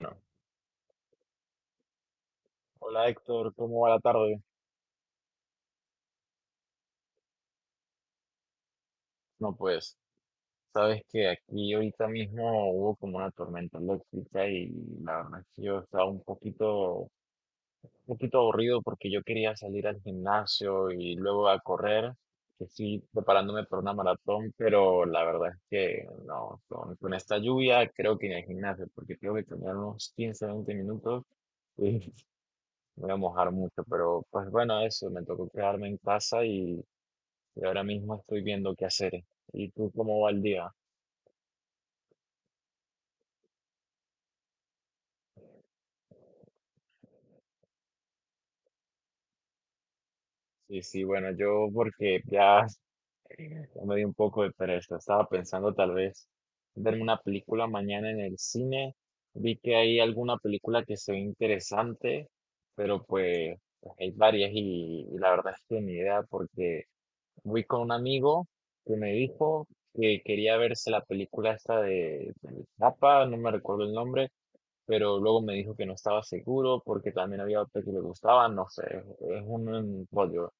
Bueno, hola Héctor, ¿cómo va la tarde? No, pues, sabes que aquí ahorita mismo hubo como una tormenta eléctrica y la verdad es que yo estaba un poquito aburrido porque yo quería salir al gimnasio y luego a correr, que sí, preparándome para una maratón, pero la verdad es que no, con esta lluvia creo que ni al gimnasio, porque tengo que caminar unos 15 20 minutos y me voy a mojar mucho, pero pues bueno, eso, me tocó quedarme en casa y... Y ahora mismo estoy viendo qué hacer. ¿Y tú cómo va el día? Sí, sí, bueno, yo porque ya, ya me di un poco de pereza. Estaba pensando tal vez ver una película mañana en el cine. Vi que hay alguna película que se ve interesante, pero pues, hay varias y la verdad es que ni idea porque fui con un amigo que me dijo que quería verse la película esta de Papa, no me recuerdo el nombre, pero luego me dijo que no estaba seguro porque también había otra que le gustaba, no sé, es un rollo.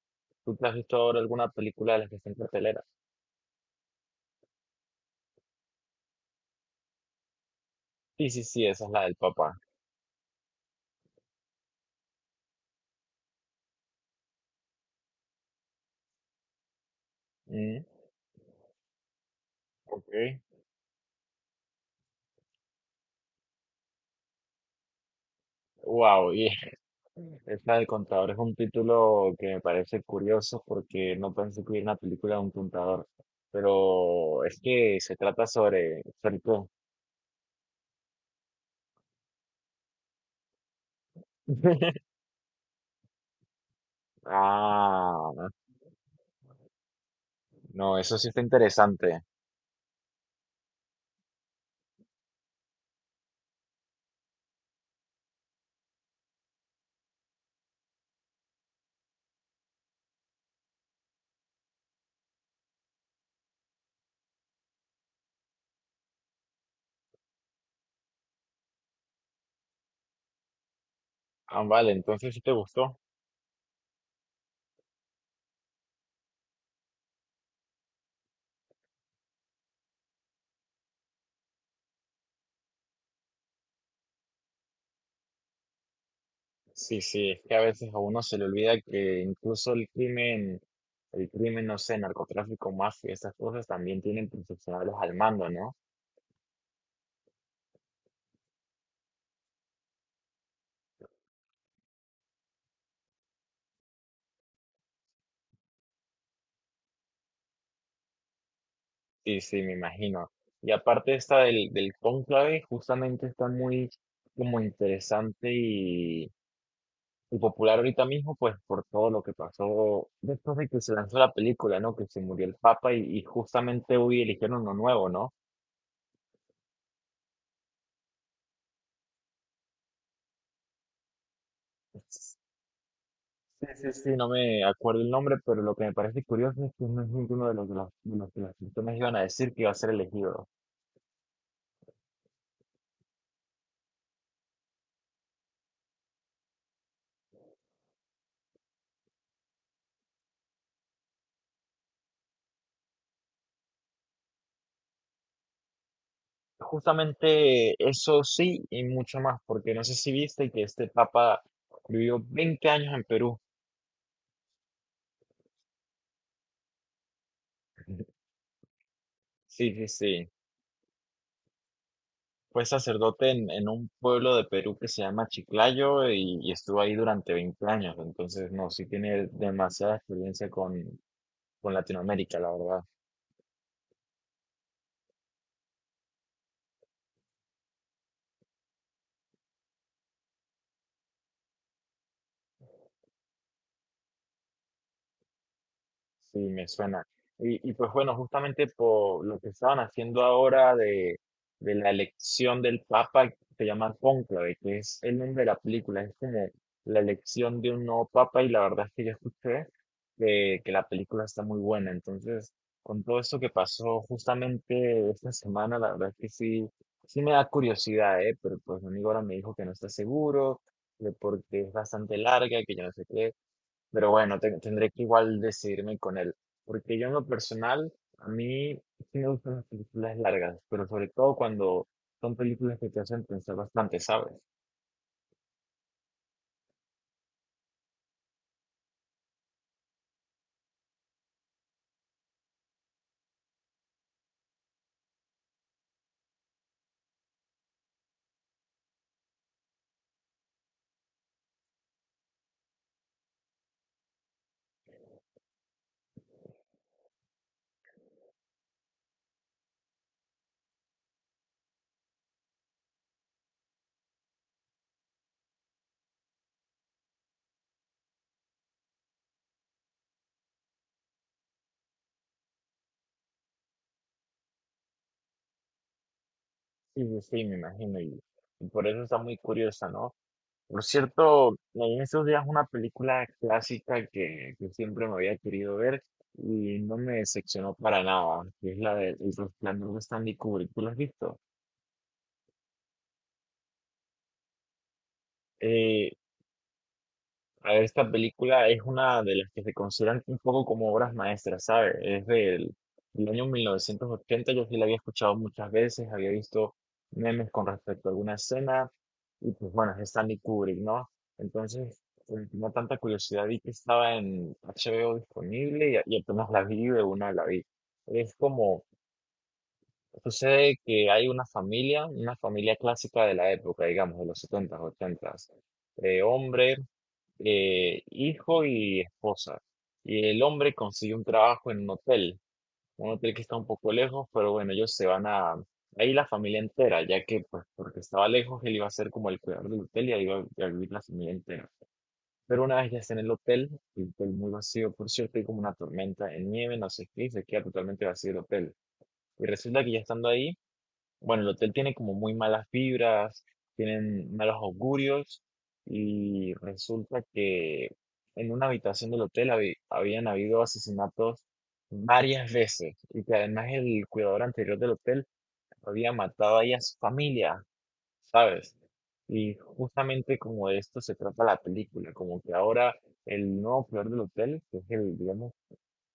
¿Tú te has visto ahora alguna película de las que está en cartelera? Sí, sí, sí, esa es la del papá. Mm, ok. Wow, y esta del contador es un título que me parece curioso porque no pensé que hubiera una película de un contador, pero es que se trata sobre Felpo. Ah, no, eso sí está interesante. Ah, vale, entonces sí te gustó. Sí, sí, es que a veces a uno se le olvida que incluso el crimen, no sé, narcotráfico, mafia, estas cosas también tienen profesionales al mando, ¿no? Sí, sí, me imagino. Y aparte esta del cónclave, justamente está muy como interesante y popular ahorita mismo, pues por todo lo que pasó después de que se lanzó la película, ¿no? Que se murió el Papa y justamente hoy eligieron uno nuevo, ¿no? Sí, sí, sí, no me acuerdo el nombre, pero lo que me parece curioso es que no es ninguno de los que las personas iban a decir que iba a ser elegido. Justamente eso sí y mucho más, porque no sé si viste que este papa vivió 20 años en Perú. Sí, sí, sí. Fue sacerdote en un pueblo de Perú que se llama Chiclayo y estuvo ahí durante 20 años. Entonces, no, sí tiene demasiada experiencia con Latinoamérica, la verdad. Sí, me suena. Y pues bueno, justamente por lo que estaban haciendo ahora de la elección del Papa, se llama Cónclave, que es el nombre de la película, es como la elección de un nuevo Papa y la verdad es que yo escuché que la película está muy buena. Entonces, con todo esto que pasó justamente esta semana, la verdad es que sí, sí me da curiosidad, ¿eh? Pero pues mi amigo ahora me dijo que no está seguro, que porque es bastante larga, que yo no sé qué. Pero bueno, tendré que igual decidirme con él. Porque yo en lo personal, a mí sí me gustan las películas largas, pero sobre todo cuando son películas que te hacen pensar bastante, ¿sabes? Sí, sí, sí, me imagino. Y por eso está muy curiosa, ¿no? Por cierto, leí en estos días una película clásica que siempre me había querido ver y no me decepcionó para nada, que es la de El Resplandor de Stanley Kubrick. ¿Tú la has visto? Eh, A ver, esta película es una de las que se consideran un poco como obras maestras, ¿sabes? Es del año 1980. Yo sí la había escuchado muchas veces, había visto memes con respecto a alguna escena, y pues bueno, es Stanley Kubrick, ¿no? Entonces, tenía tanta curiosidad, vi que estaba en HBO disponible y apenas la vi, de una la vi. Es como, sucede que hay una familia clásica de la época, digamos, de los 70, 80. Hombre, hijo y esposa. Y el hombre consiguió un trabajo en un hotel que está un poco lejos, pero bueno, ellos se van a, ahí la familia entera, ya que pues porque estaba lejos, él iba a ser como el cuidador del hotel y ahí iba a vivir la familia entera. Pero una vez ya está en el hotel muy vacío, por cierto, hay como una tormenta en nieve, no sé qué, y se queda totalmente vacío el hotel. Y resulta que ya estando ahí, bueno, el hotel tiene como muy malas vibras, tienen malos augurios y resulta que en una habitación del hotel habían habido asesinatos varias veces y que además el cuidador anterior del hotel había matado ahí a su familia, ¿sabes? Y justamente como de esto se trata la película, como que ahora el nuevo cuidador del hotel, que es el, digamos,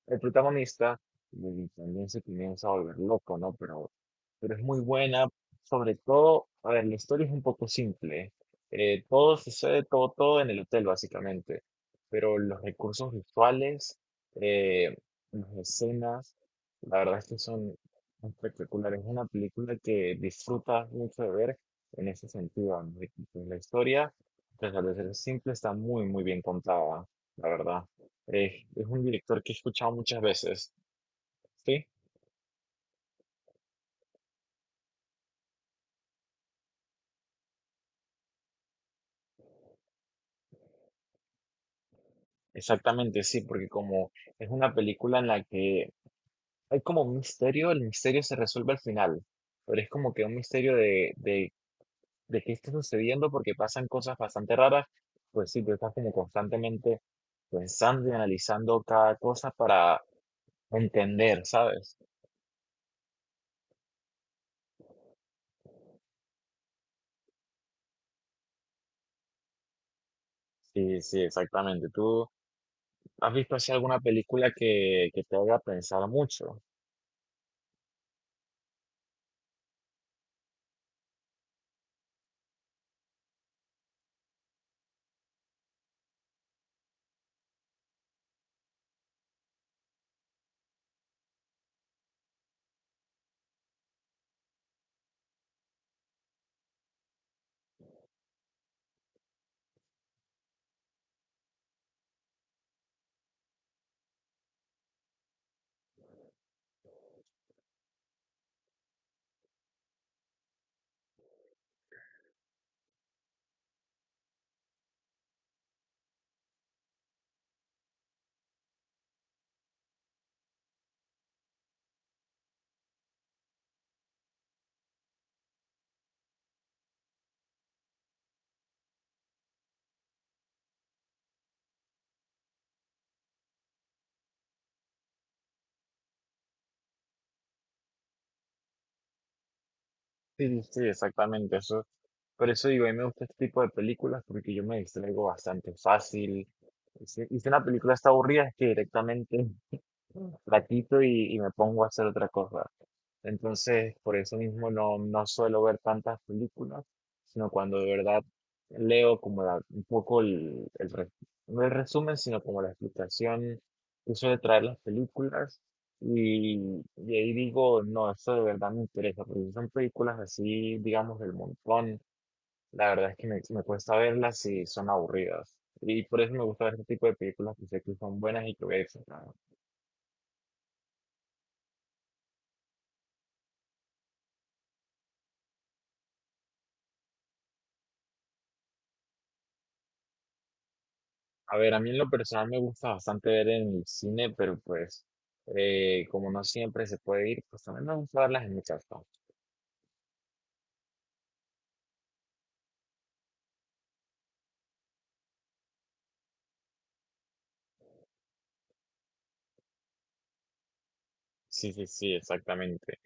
el protagonista también se comienza a volver loco, ¿no? Pero es muy buena, sobre todo, a ver, la historia es un poco simple. Todo sucede, todo, todo en el hotel, básicamente. Pero los recursos visuales, eh, las escenas, la verdad es que son espectaculares. Es una película que disfrutas mucho de ver en ese sentido, ¿no? Y, pues, la historia, pues, al ser simple, está muy, muy bien contada, la verdad. Es un director que he escuchado muchas veces. Sí, exactamente, sí, porque como es una película en la que hay como un misterio, el misterio se resuelve al final, pero es como que un misterio de qué está sucediendo porque pasan cosas bastante raras, pues sí, tú estás como constantemente pensando y analizando cada cosa para entender, ¿sabes? Sí, sí, exactamente. ¿Tú has visto así alguna película que te haga pensar mucho? Sí, sí, exactamente. Eso. Por eso digo, a mí me gusta este tipo de películas porque yo me distraigo bastante fácil. Y si una película está aburrida, es que directamente la quito y me pongo a hacer otra cosa. Entonces, por eso mismo no, no suelo ver tantas películas, sino cuando de verdad leo como un poco el, no el resumen, sino como la explicación que suele traer las películas. Y, y ahí digo, no, esto de verdad me interesa, porque si son películas así, digamos, del montón, la verdad es que me cuesta verlas si son aburridas. Y por eso me gusta ver este tipo de películas que sé que son buenas y que voy a disfrutar. A ver, a mí en lo personal me gusta bastante ver en el cine, pero pues como no siempre se puede ir, pues también me gusta verlas en mi casa. Sí, sí, sí, exactamente.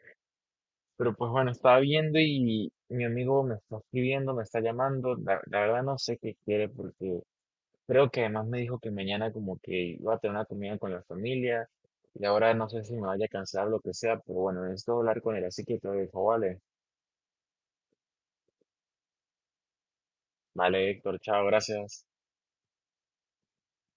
Pero pues bueno, estaba viendo y mi amigo me está escribiendo, me está llamando. La verdad no sé qué quiere porque creo que además me dijo que mañana como que iba a tener una comida con la familia y ahora no sé si me vaya a cansar lo que sea, pero bueno, necesito hablar con él, así que te lo dejo, vale. Vale, Héctor, chao, gracias.